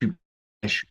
Tu- je-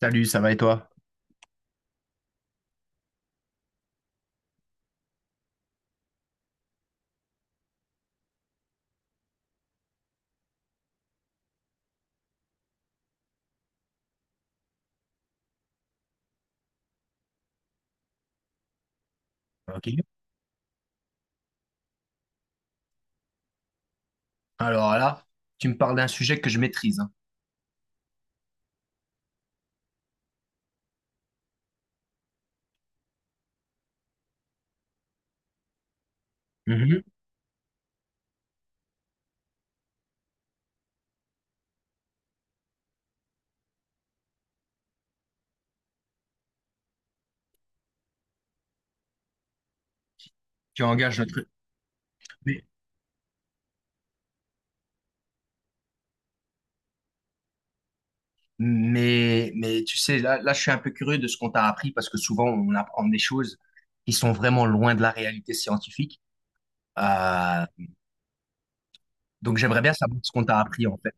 Salut, ça va et toi? Ok. Alors là, tu me parles d'un sujet que je maîtrise, hein, mhm, qui engage notre... Mais, mais tu sais, là, je suis un peu curieux de ce qu'on t'a appris, parce que souvent, on apprend des choses qui sont vraiment loin de la réalité scientifique. Euh, donc, j'aimerais bien savoir ce qu'on t'a appris, en fait.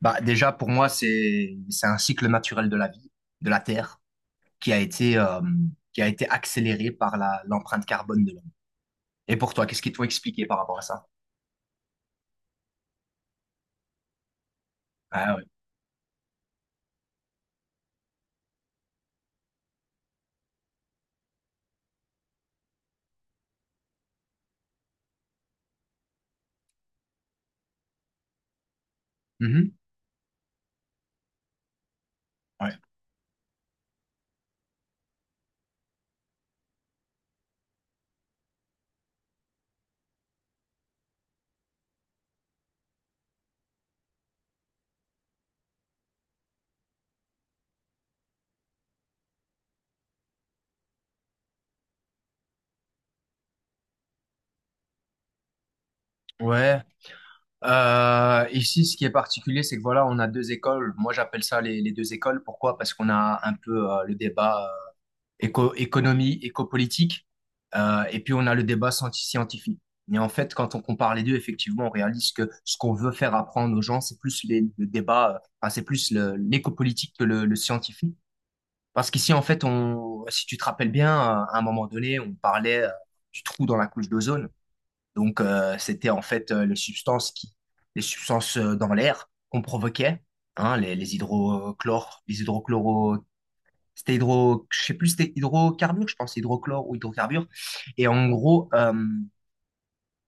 Bah, déjà, pour moi, c'est un cycle naturel de la vie, de la Terre, qui a été, euh, qui a été accéléré par l'empreinte carbone de l'homme. Et pour toi, qu'est-ce qu'ils t'ont expliqué par rapport à ça? Mhm. Ouais. Ouais. Ici, ce qui est particulier, c'est que voilà, on a deux écoles. Moi, j'appelle ça les deux écoles. Pourquoi? Parce qu'on a un peu le débat économie, éco-politique, et puis on a le débat scientifique. Mais en fait, quand on compare les deux, effectivement, on réalise que ce qu'on veut faire apprendre aux gens, c'est plus le débat, enfin, c'est plus l'éco-politique que le scientifique. Parce qu'ici, en fait, si tu te rappelles bien, à un moment donné, on parlait du trou dans la couche d'ozone. Donc, c'était en fait les substances dans l'air qu'on provoquait, hein, les hydrochlores, les hydrochloro, c'était hydro, je sais plus, c'était hydrocarbures, je pense, hydrochlore ou hydrocarbures. Et en gros,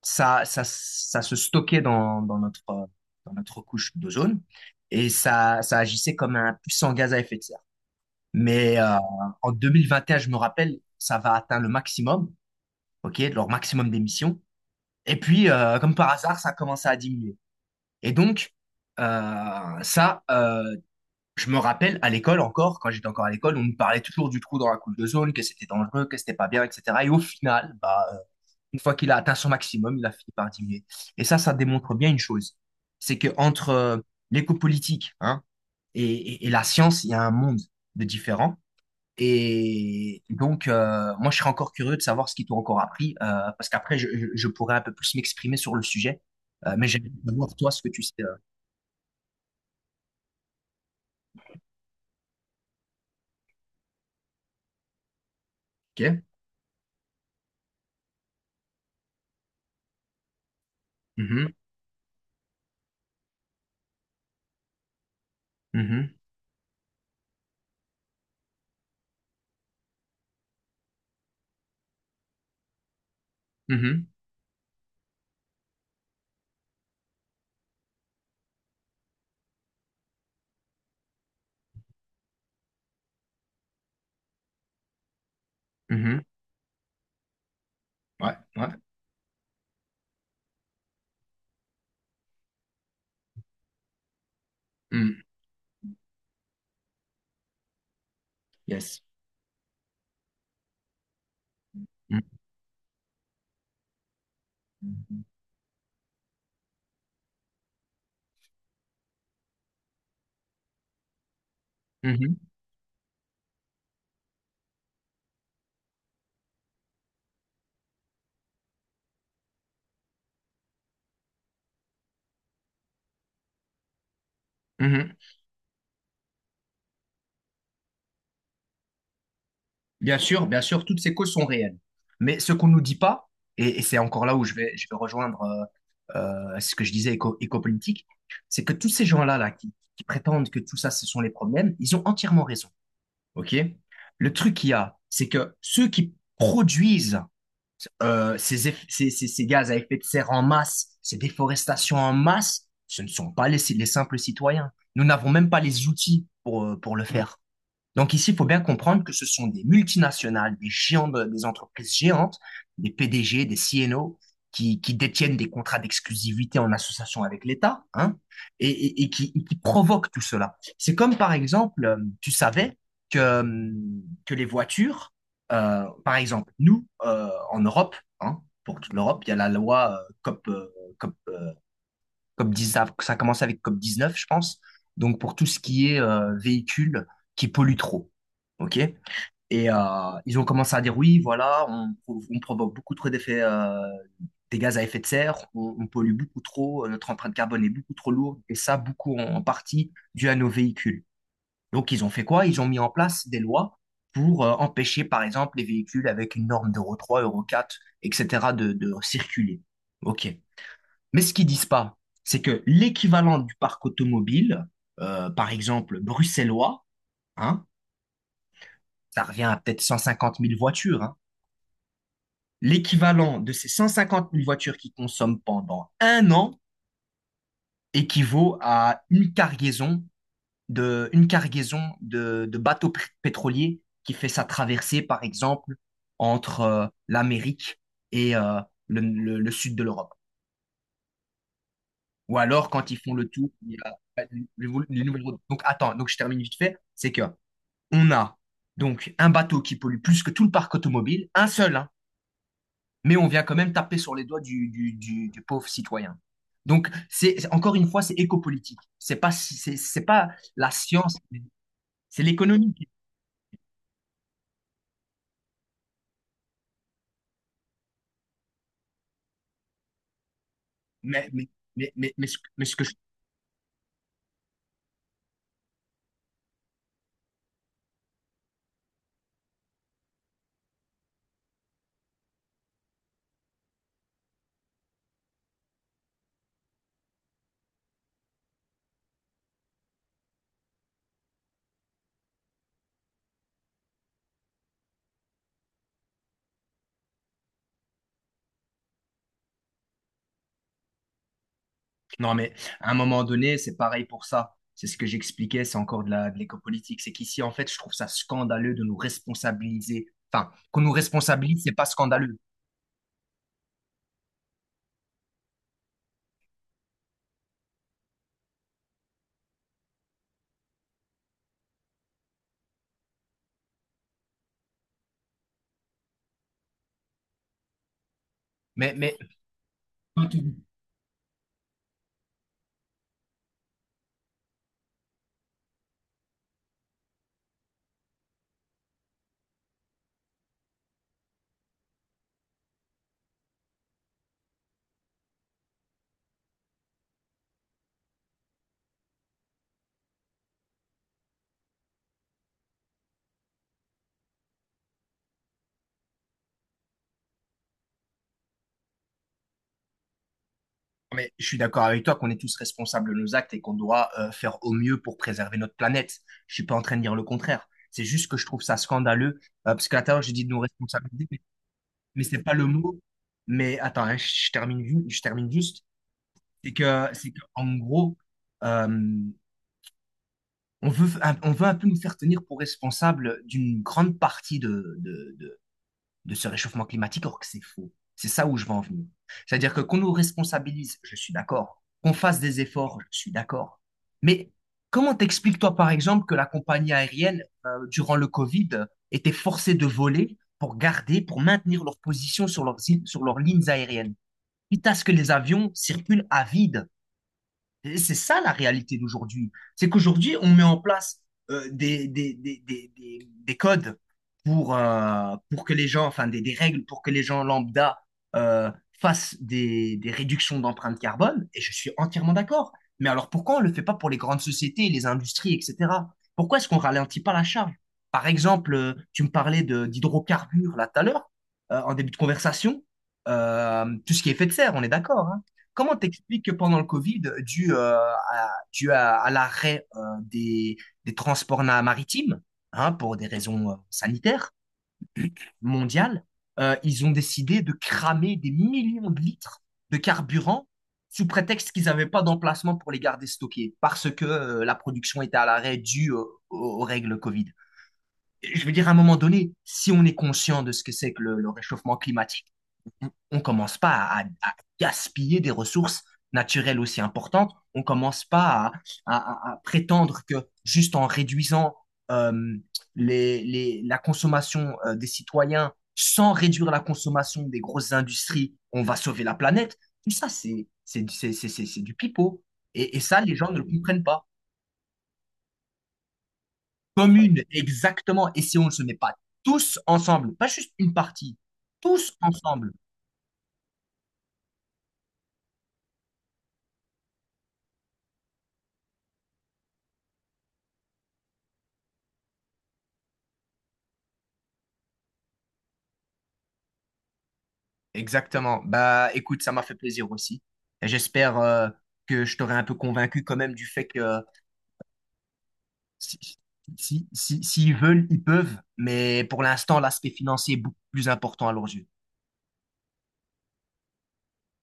ça se stockait dans notre couche d'ozone et ça agissait comme un puissant gaz à effet de serre. Mais en 2021, je me rappelle, ça va atteindre le maximum, ok, leur maximum d'émissions. Et puis, comme par hasard, ça a commencé à diminuer. Et donc, euh, ça, euh, je me rappelle à l'école encore, quand j'étais encore à l'école, on me parlait toujours du trou dans la coule de zone, que c'était dangereux, que c'était pas bien, etc. Et au final, bah, une fois qu'il a atteint son maximum, il a fini par diminuer. Et ça démontre bien une chose, c'est que entre l'éco-politique, hein, et, et la science, il y a un monde de différents. Et donc, moi, je serais encore curieux de savoir ce qu'ils t'ont encore appris, parce qu'après, je pourrais un peu plus m'exprimer sur le sujet. Mais j'aimerais savoir, toi, ce que tu sais. Ok. Mhm, mhm, mhm, mhm. Ouais, ouais. Mm. Yes. Mm. Mhm, mhm. Bien sûr, toutes ces causes sont réelles. Mais ce qu'on nous dit pas, et c'est encore là où je vais rejoindre ce que je disais éco-politique, c'est que tous ces gens-là là, qui prétendent que tout ça, ce sont les problèmes, ils ont entièrement raison. OK? Le truc qu'il y a, c'est que ceux qui produisent ces gaz à effet de serre en masse, ces déforestations en masse, ce ne sont pas les simples citoyens. Nous n'avons même pas les outils pour le faire. Donc ici, il faut bien comprendre que ce sont des multinationales, des géants, des entreprises géantes, des PDG, des CNO, qui détiennent des contrats d'exclusivité en association avec l'État, hein, et qui provoquent tout cela. C'est comme, par exemple, tu savais que, euh, que les voitures, par exemple, nous, en Europe, hein, pour toute l'Europe, il y a la loi COP, COP, COP 10, ça a commencé avec COP 19, je pense. Donc, pour tout ce qui est véhicules qui polluent trop. OK? Et ils ont commencé à dire oui, voilà, on provoque beaucoup trop d'effets, des gaz à effet de serre, on pollue beaucoup trop, notre empreinte carbone est beaucoup trop lourde, et ça, beaucoup en partie dû à nos véhicules. Donc, ils ont fait quoi? Ils ont mis en place des lois pour empêcher, par exemple, les véhicules avec une norme d'Euro 3, Euro 4, etc., de circuler. OK. Mais ce qu'ils disent pas, c'est que l'équivalent du parc automobile, par exemple bruxellois, hein, ça revient à peut-être 150 000 voitures, hein, l'équivalent de ces 150 000 voitures qu'ils consomment pendant un an équivaut à une cargaison de bateaux pétroliers qui fait sa traversée, par exemple, entre l'Amérique et le sud de l'Europe. Ou alors, quand ils font le tour, il y a les nouvelles routes. Donc, attends, donc je termine vite fait. C'est que on a donc un bateau qui pollue plus que tout le parc automobile, un seul, hein, mais on vient quand même taper sur les doigts du pauvre citoyen. Donc, encore une fois, c'est éco-politique. C'est pas la science, c'est l'économie. Mais, mais, mais ce que je. Non, mais à un moment donné, c'est pareil pour ça. C'est ce que j'expliquais, c'est encore de de l'éco-politique. C'est qu'ici, en fait, je trouve ça scandaleux de nous responsabiliser. Enfin, qu'on nous responsabilise, c'est pas scandaleux. Mais, mais, Pas tout. Mais je suis d'accord avec toi qu'on est tous responsables de nos actes et qu'on doit faire au mieux pour préserver notre planète. Je suis pas en train de dire le contraire. C'est juste que je trouve ça scandaleux. Parce qu'à l'intérieur, j'ai dit de nous responsabiliser, mais c'est pas le mot. Mais attends, hein, je termine, je termine juste. C'est que, en gros, euh, on veut un peu nous faire tenir pour responsables d'une grande partie de ce réchauffement climatique, alors que c'est faux. C'est ça où je veux en venir. C'est-à-dire que qu'on nous responsabilise, je suis d'accord. Qu'on fasse des efforts, je suis d'accord. Mais comment t'expliques, toi, par exemple, que la compagnie aérienne, durant le Covid, était forcée de voler pour garder, pour maintenir leur position sur leurs lignes aériennes, quitte à ce que les avions circulent à vide et c'est ça la réalité d'aujourd'hui. C'est qu'aujourd'hui, on met en place des codes pour que les gens, enfin des règles pour que les gens lambda euh, fassent des réductions d'empreinte carbone, et je suis entièrement d'accord. Mais alors pourquoi on ne le fait pas pour les grandes sociétés, les industries, etc. Pourquoi est-ce qu'on ralentit pas la charge? Par exemple, tu me parlais d'hydrocarbures là tout à l'heure, en début de conversation. Tout ce qui est effet de serre, on est d'accord, hein. Comment t'expliques que pendant le Covid, dû à l'arrêt des transports maritimes, hein, pour des raisons sanitaires mondiales, ils ont décidé de cramer des millions de litres de carburant sous prétexte qu'ils n'avaient pas d'emplacement pour les garder stockés, parce que la production était à l'arrêt due aux règles Covid. Je veux dire, à un moment donné, si on est conscient de ce que c'est que le réchauffement climatique, on commence pas à gaspiller des ressources naturelles aussi importantes. On commence pas à prétendre que juste en réduisant euh, la consommation des citoyens, sans réduire la consommation des grosses industries, on va sauver la planète. Tout ça, c'est du pipeau. Et ça, les gens ne le comprennent pas. Commune, exactement. Et si on ne se met pas tous ensemble, pas juste une partie, tous ensemble. Exactement. Bah, écoute, ça m'a fait plaisir aussi. Et j'espère que je t'aurai un peu convaincu quand même du fait que si, s'ils veulent, ils peuvent. Mais pour l'instant, l'aspect financier est beaucoup plus important à leurs yeux.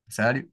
Salut.